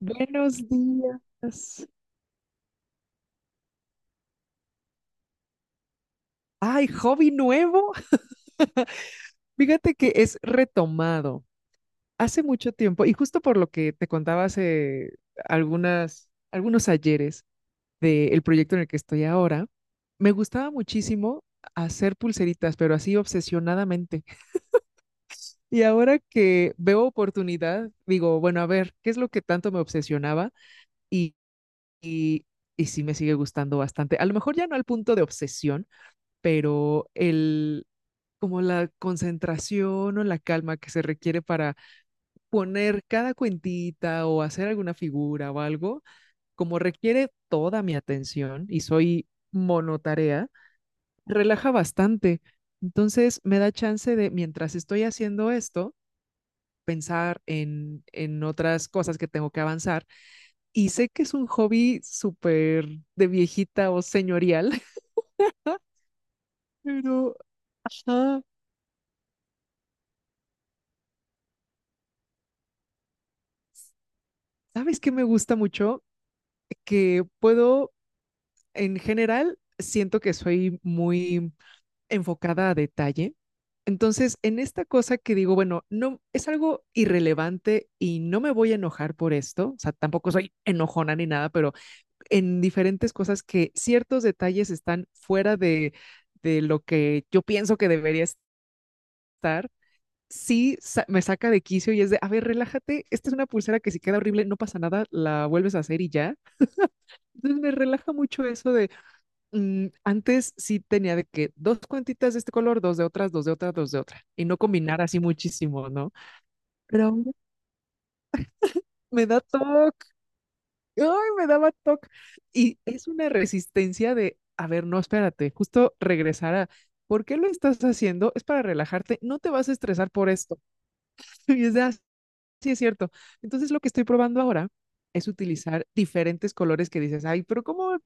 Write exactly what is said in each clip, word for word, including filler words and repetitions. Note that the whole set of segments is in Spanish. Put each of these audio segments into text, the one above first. Buenos días. Ay, hobby nuevo. Fíjate que es retomado hace mucho tiempo y justo por lo que te contaba hace algunas, algunos ayeres del proyecto en el que estoy ahora, me gustaba muchísimo hacer pulseritas, pero así obsesionadamente. Y ahora que veo oportunidad, digo, bueno, a ver, ¿qué es lo que tanto me obsesionaba? Y, y, y sí me sigue gustando bastante. A lo mejor ya no al punto de obsesión, pero el como la concentración o la calma que se requiere para poner cada cuentita o hacer alguna figura o algo, como requiere toda mi atención y soy monotarea, relaja bastante. Entonces me da chance de, mientras estoy haciendo esto, pensar en, en otras cosas que tengo que avanzar. Y sé que es un hobby súper de viejita o señorial, pero... ajá. ¿Sabes qué me gusta mucho? Que puedo En general, siento que soy muy enfocada a detalle. Entonces, en esta cosa que digo, bueno, no es algo irrelevante y no me voy a enojar por esto, o sea, tampoco soy enojona ni nada, pero en diferentes cosas que ciertos detalles están fuera de, de lo que yo pienso que debería estar, sí sa- me saca de quicio y es de, a ver, relájate, esta es una pulsera que si queda horrible, no pasa nada, la vuelves a hacer y ya. Entonces me relaja mucho eso. mm, antes sí tenía de que dos cuentitas de este color, dos de otras, dos de otras, dos de otra, y no combinar así muchísimo, ¿no? Pero ahora me da TOC, ay, me daba TOC. Y es una resistencia de, a ver, no, espérate, justo regresar a, ¿por qué lo estás haciendo? Es para relajarte, no te vas a estresar por esto. Y es de, ah, sí, es cierto. Entonces lo que estoy probando ahora es utilizar diferentes colores que dices, ay, pero ¿cómo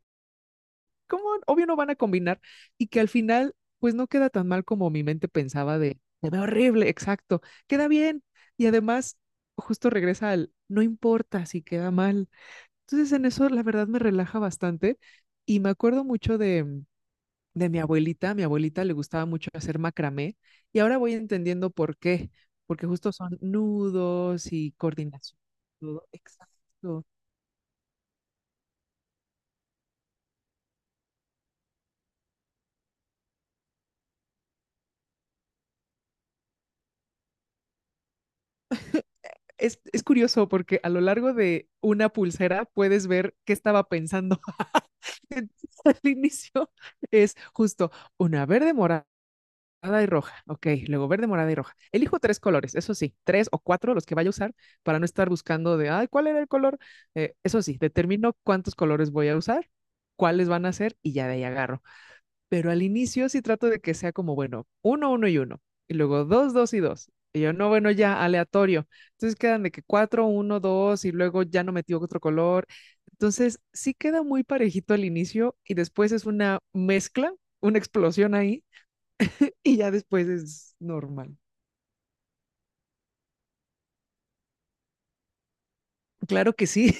¿cómo? Obvio no van a combinar y que al final, pues no queda tan mal como mi mente pensaba de, se ve horrible, exacto, queda bien. Y además, justo regresa al, no importa si queda mal. Entonces en eso la verdad me relaja bastante y me acuerdo mucho de, mm, de mi abuelita. A mi abuelita le gustaba mucho hacer macramé y ahora voy entendiendo por qué, porque justo son nudos y coordinación. Todo. Exacto. es, es curioso porque a lo largo de una pulsera puedes ver qué estaba pensando al inicio. Es justo una verde morada y roja, ok, luego verde, morada y roja. Elijo tres colores, eso sí, tres o cuatro los que vaya a usar para no estar buscando de, ay, ¿cuál era el color? Eh, eso sí, determino cuántos colores voy a usar, cuáles van a ser y ya de ahí agarro. Pero al inicio sí trato de que sea como, bueno, uno, uno y uno. Y luego dos, dos y dos. Y yo, no, bueno, ya, aleatorio. Entonces quedan de que cuatro, uno, dos, y luego ya no metió otro color. Entonces sí queda muy parejito al inicio y después es una mezcla, una explosión ahí, y ya después es normal. Claro que sí.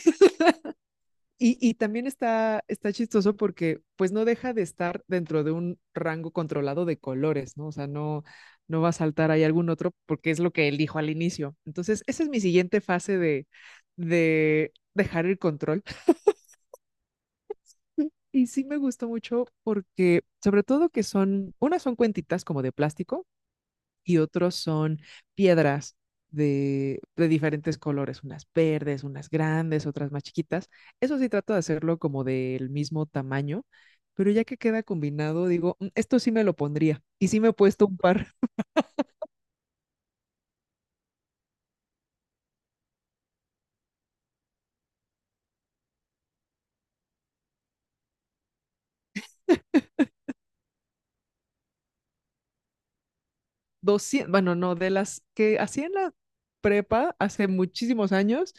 Y, y también está, está chistoso porque pues no deja de estar dentro de un rango controlado de colores, ¿no? O sea, no, no va a saltar ahí algún otro porque es lo que él dijo al inicio. Entonces, esa es mi siguiente fase de, de dejar el control. Y sí me gustó mucho porque, sobre todo que son, unas son cuentitas como de plástico, y otros son piedras de, de diferentes colores, unas verdes, unas grandes, otras más chiquitas. Eso sí trato de hacerlo como del mismo tamaño, pero ya que queda combinado, digo, "Mm, esto sí me lo pondría". Y sí me he puesto un par. doscientas, bueno, no, de las que hacía en la prepa hace muchísimos años,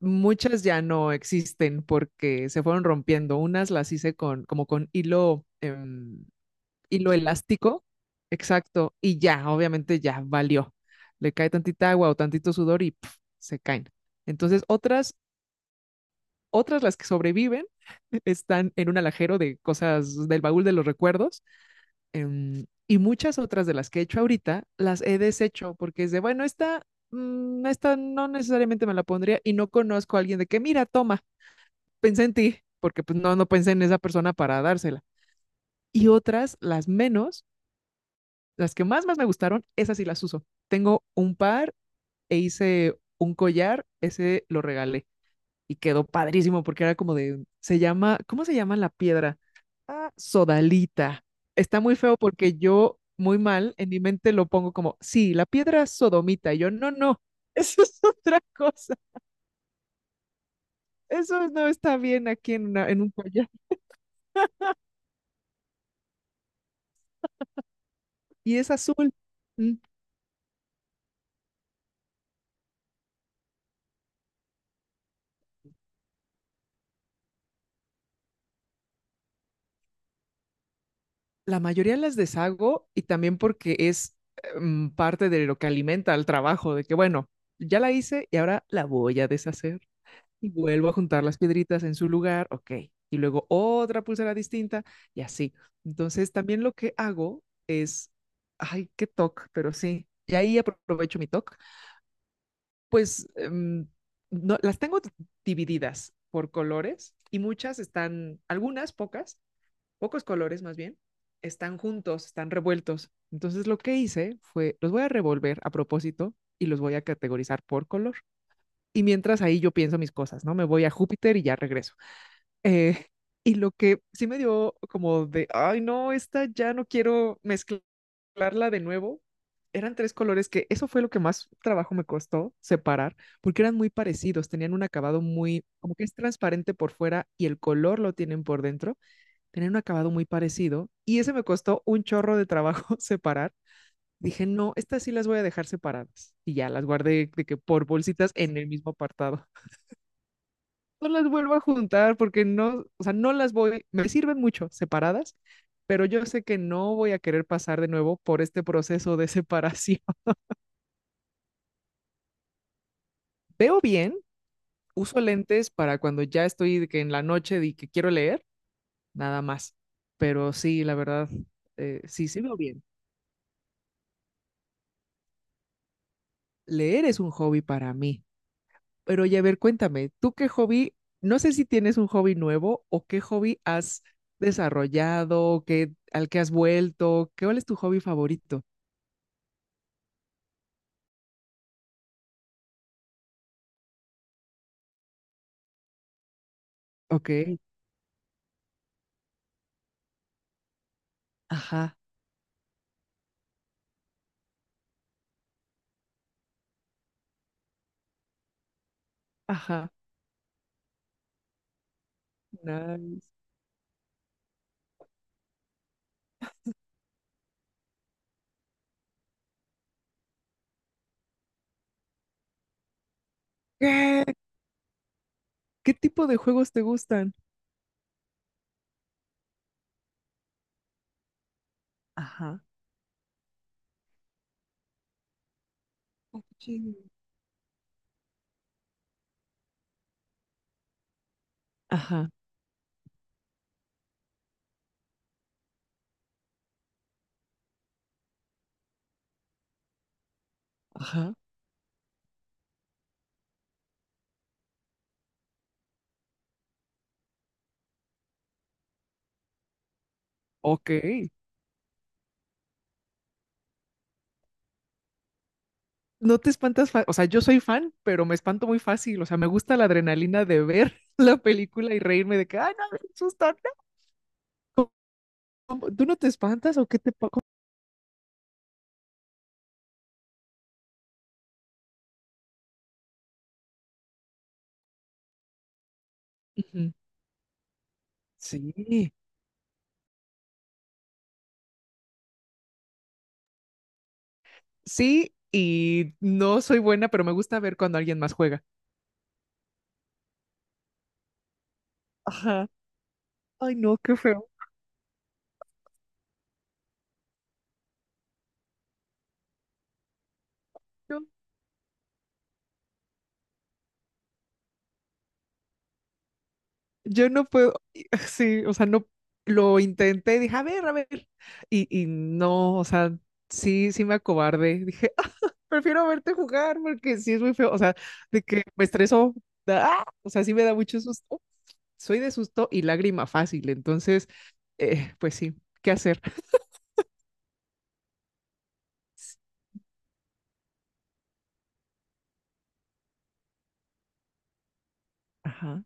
muchas ya no existen porque se fueron rompiendo. Unas las hice con, como con hilo, em, hilo elástico, exacto, y ya, obviamente ya valió. Le cae tantita agua o tantito sudor y pf, se caen. Entonces, otras, otras las que sobreviven están en un alajero de cosas del baúl de los recuerdos. em, y muchas otras de las que he hecho ahorita las he deshecho porque es de, bueno, esta, mm, esta no necesariamente me la pondría y no conozco a alguien de que, mira, toma, pensé en ti, porque pues no, no pensé en esa persona para dársela. Y otras, las menos. Las que más, más me gustaron, esas sí las uso. Tengo un par e hice un collar, ese lo regalé y quedó padrísimo porque era como de, se llama, ¿cómo se llama la piedra? Ah, sodalita. Está muy feo porque yo, muy mal, en mi mente lo pongo como, sí, la piedra sodomita. Y yo, no, no, eso es otra cosa. Eso no está bien aquí en, una- en un collar. Y es azul. Mm. La mayoría las deshago y también porque es em, parte de lo que alimenta al trabajo, de que bueno, ya la hice y ahora la voy a deshacer y vuelvo a juntar las piedritas en su lugar, ok, y luego otra pulsera distinta y así. Entonces también lo que hago es, ay, qué toque, pero sí, y ahí apro- aprovecho mi toque, pues em, no, las tengo divididas por colores y muchas están, algunas, pocas pocos colores más bien, están juntos, están revueltos. Entonces lo que hice fue, los voy a revolver a propósito y los voy a categorizar por color. Y mientras ahí yo pienso mis cosas, ¿no? Me voy a Júpiter y ya regreso. Eh, y lo que sí me dio como de, ay, no, esta ya no quiero mezclarla de nuevo. Eran tres colores que eso fue lo que más trabajo me costó separar, porque eran muy parecidos, tenían un acabado muy, como que es transparente por fuera y el color lo tienen por dentro, tenían un acabado muy parecido y ese me costó un chorro de trabajo separar. Dije, no, estas sí las voy a dejar separadas. Y ya las guardé de que por bolsitas en el mismo apartado. No las vuelvo a juntar porque no, o sea, no las voy, me sirven mucho separadas, pero yo sé que no voy a querer pasar de nuevo por este proceso de separación. Veo bien, uso lentes para cuando ya estoy de que en la noche y que quiero leer, nada más. Pero sí, la verdad, eh, sí, sí veo bien. Leer es un hobby para mí. Pero oye, a ver, cuéntame, ¿tú qué hobby? No sé si tienes un hobby nuevo o qué hobby has desarrollado, qué, al que has vuelto, ¿qué, cuál es tu hobby favorito? Ok. Ajá, ajá, nice. ¿Qué, qué tipo de juegos te gustan? Ajá. Cuchillo. Ajá, ajá, ok. No te espantas, fa- o sea, yo soy fan, pero me espanto muy fácil, o sea, me gusta la adrenalina de ver la película y reírme de que, ay, no, me asusta, no. ¿Cómo- ¿Tú no te espantas o qué te pasa? Sí, sí, y no soy buena, pero me gusta ver cuando alguien más juega. Ajá. Ay, no, qué feo. No, yo no puedo. y- Sí, o sea, no lo intenté, dije, a ver, a ver. Y, y no, o sea, sí, sí me acobardé. Dije, "Ah, prefiero verte jugar porque sí es muy feo". O sea, de que me estresó. Da- ¡ah! O sea, sí me da mucho susto. Soy de susto y lágrima fácil, entonces, eh, pues sí, ¿qué hacer? Ajá.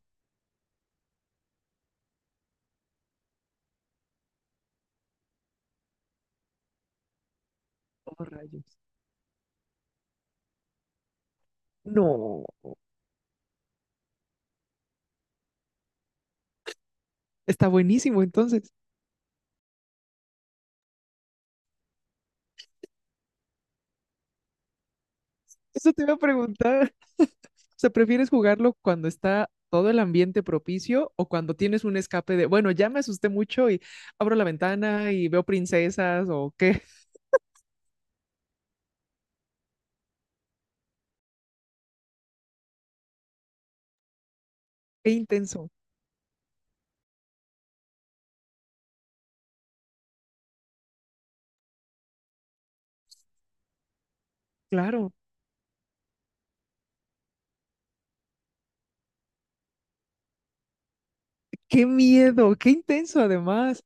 Oh, rayos. No. Está buenísimo, entonces. Eso te iba a preguntar. O sea, ¿prefieres jugarlo cuando está todo el ambiente propicio o cuando tienes un escape de, bueno, ya me asusté mucho y abro la ventana y veo princesas o qué? Qué intenso. Claro. Qué miedo, qué intenso además.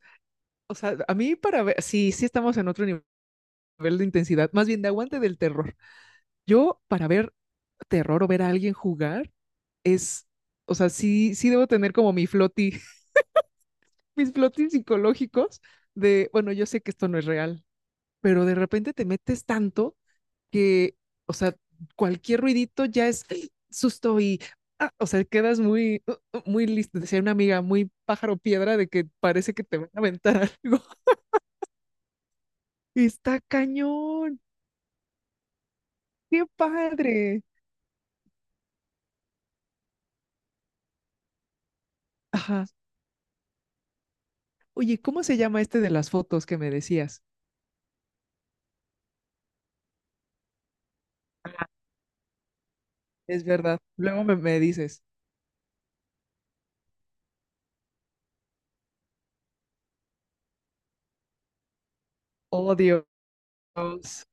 O sea, a mí para ver, sí, sí estamos en otro nive- nivel de intensidad, más bien de aguante del terror. Yo para ver terror o ver a alguien jugar es, o sea, sí, sí debo tener como mi floti mis flotis psicológicos de, bueno, yo sé que esto no es real, pero de repente te metes tanto que, o sea, cualquier ruidito ya es susto y, ah, o sea, quedas muy, muy listo. Decía una amiga, muy pájaro piedra de que parece que te van a aventar algo. Está cañón, qué padre. Ajá. Oye, ¿cómo se llama este de las fotos que me decías? Es verdad. Luego me, me dices, oh Dios,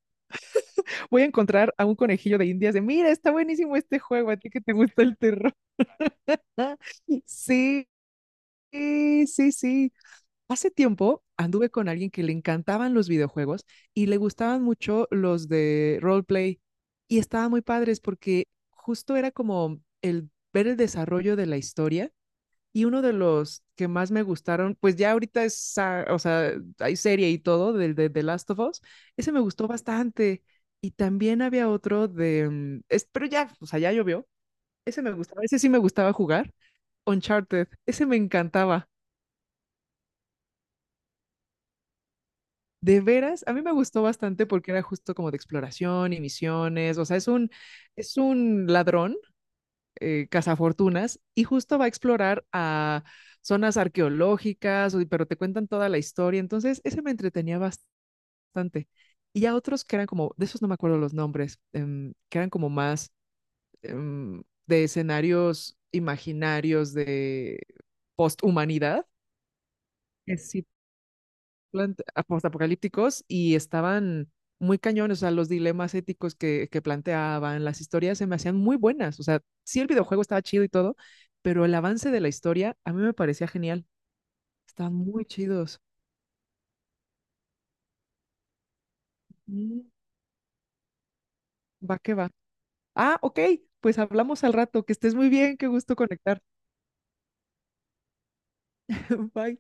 voy a encontrar a un conejillo de indias de, mira, está buenísimo este juego, a ti que te gusta el terror. Sí, sí, sí. Hace tiempo anduve con alguien que le encantaban los videojuegos y le gustaban mucho los de roleplay y estaban muy padres porque justo era como el ver el desarrollo de la historia y uno de los que más me gustaron, pues ya ahorita es, ah, o sea, hay serie y todo del de The Last of Us, ese me gustó bastante. Y también había otro de, mm, es, pero ya, o sea, ya llovió. Ese me gustaba, ese sí me gustaba jugar. Uncharted, ese me encantaba. De veras, a mí me gustó bastante porque era justo como de exploración y misiones, o sea, es un, es un ladrón, eh, cazafortunas y justo va a explorar a zonas arqueológicas, pero te cuentan toda la historia. Entonces, ese me entretenía bastante. Y ya otros que eran como, de esos no me acuerdo los nombres, em, que eran como más em, de escenarios imaginarios de posthumanidad, plant- postapocalípticos y estaban muy cañones, o sea, los dilemas éticos que, que planteaban, las historias se me hacían muy buenas, o sea, sí el videojuego estaba chido y todo, pero el avance de la historia a mí me parecía genial, estaban muy chidos. Mm, Va que va. Ah, ok, pues hablamos al rato, que estés muy bien, qué gusto conectar. Bye.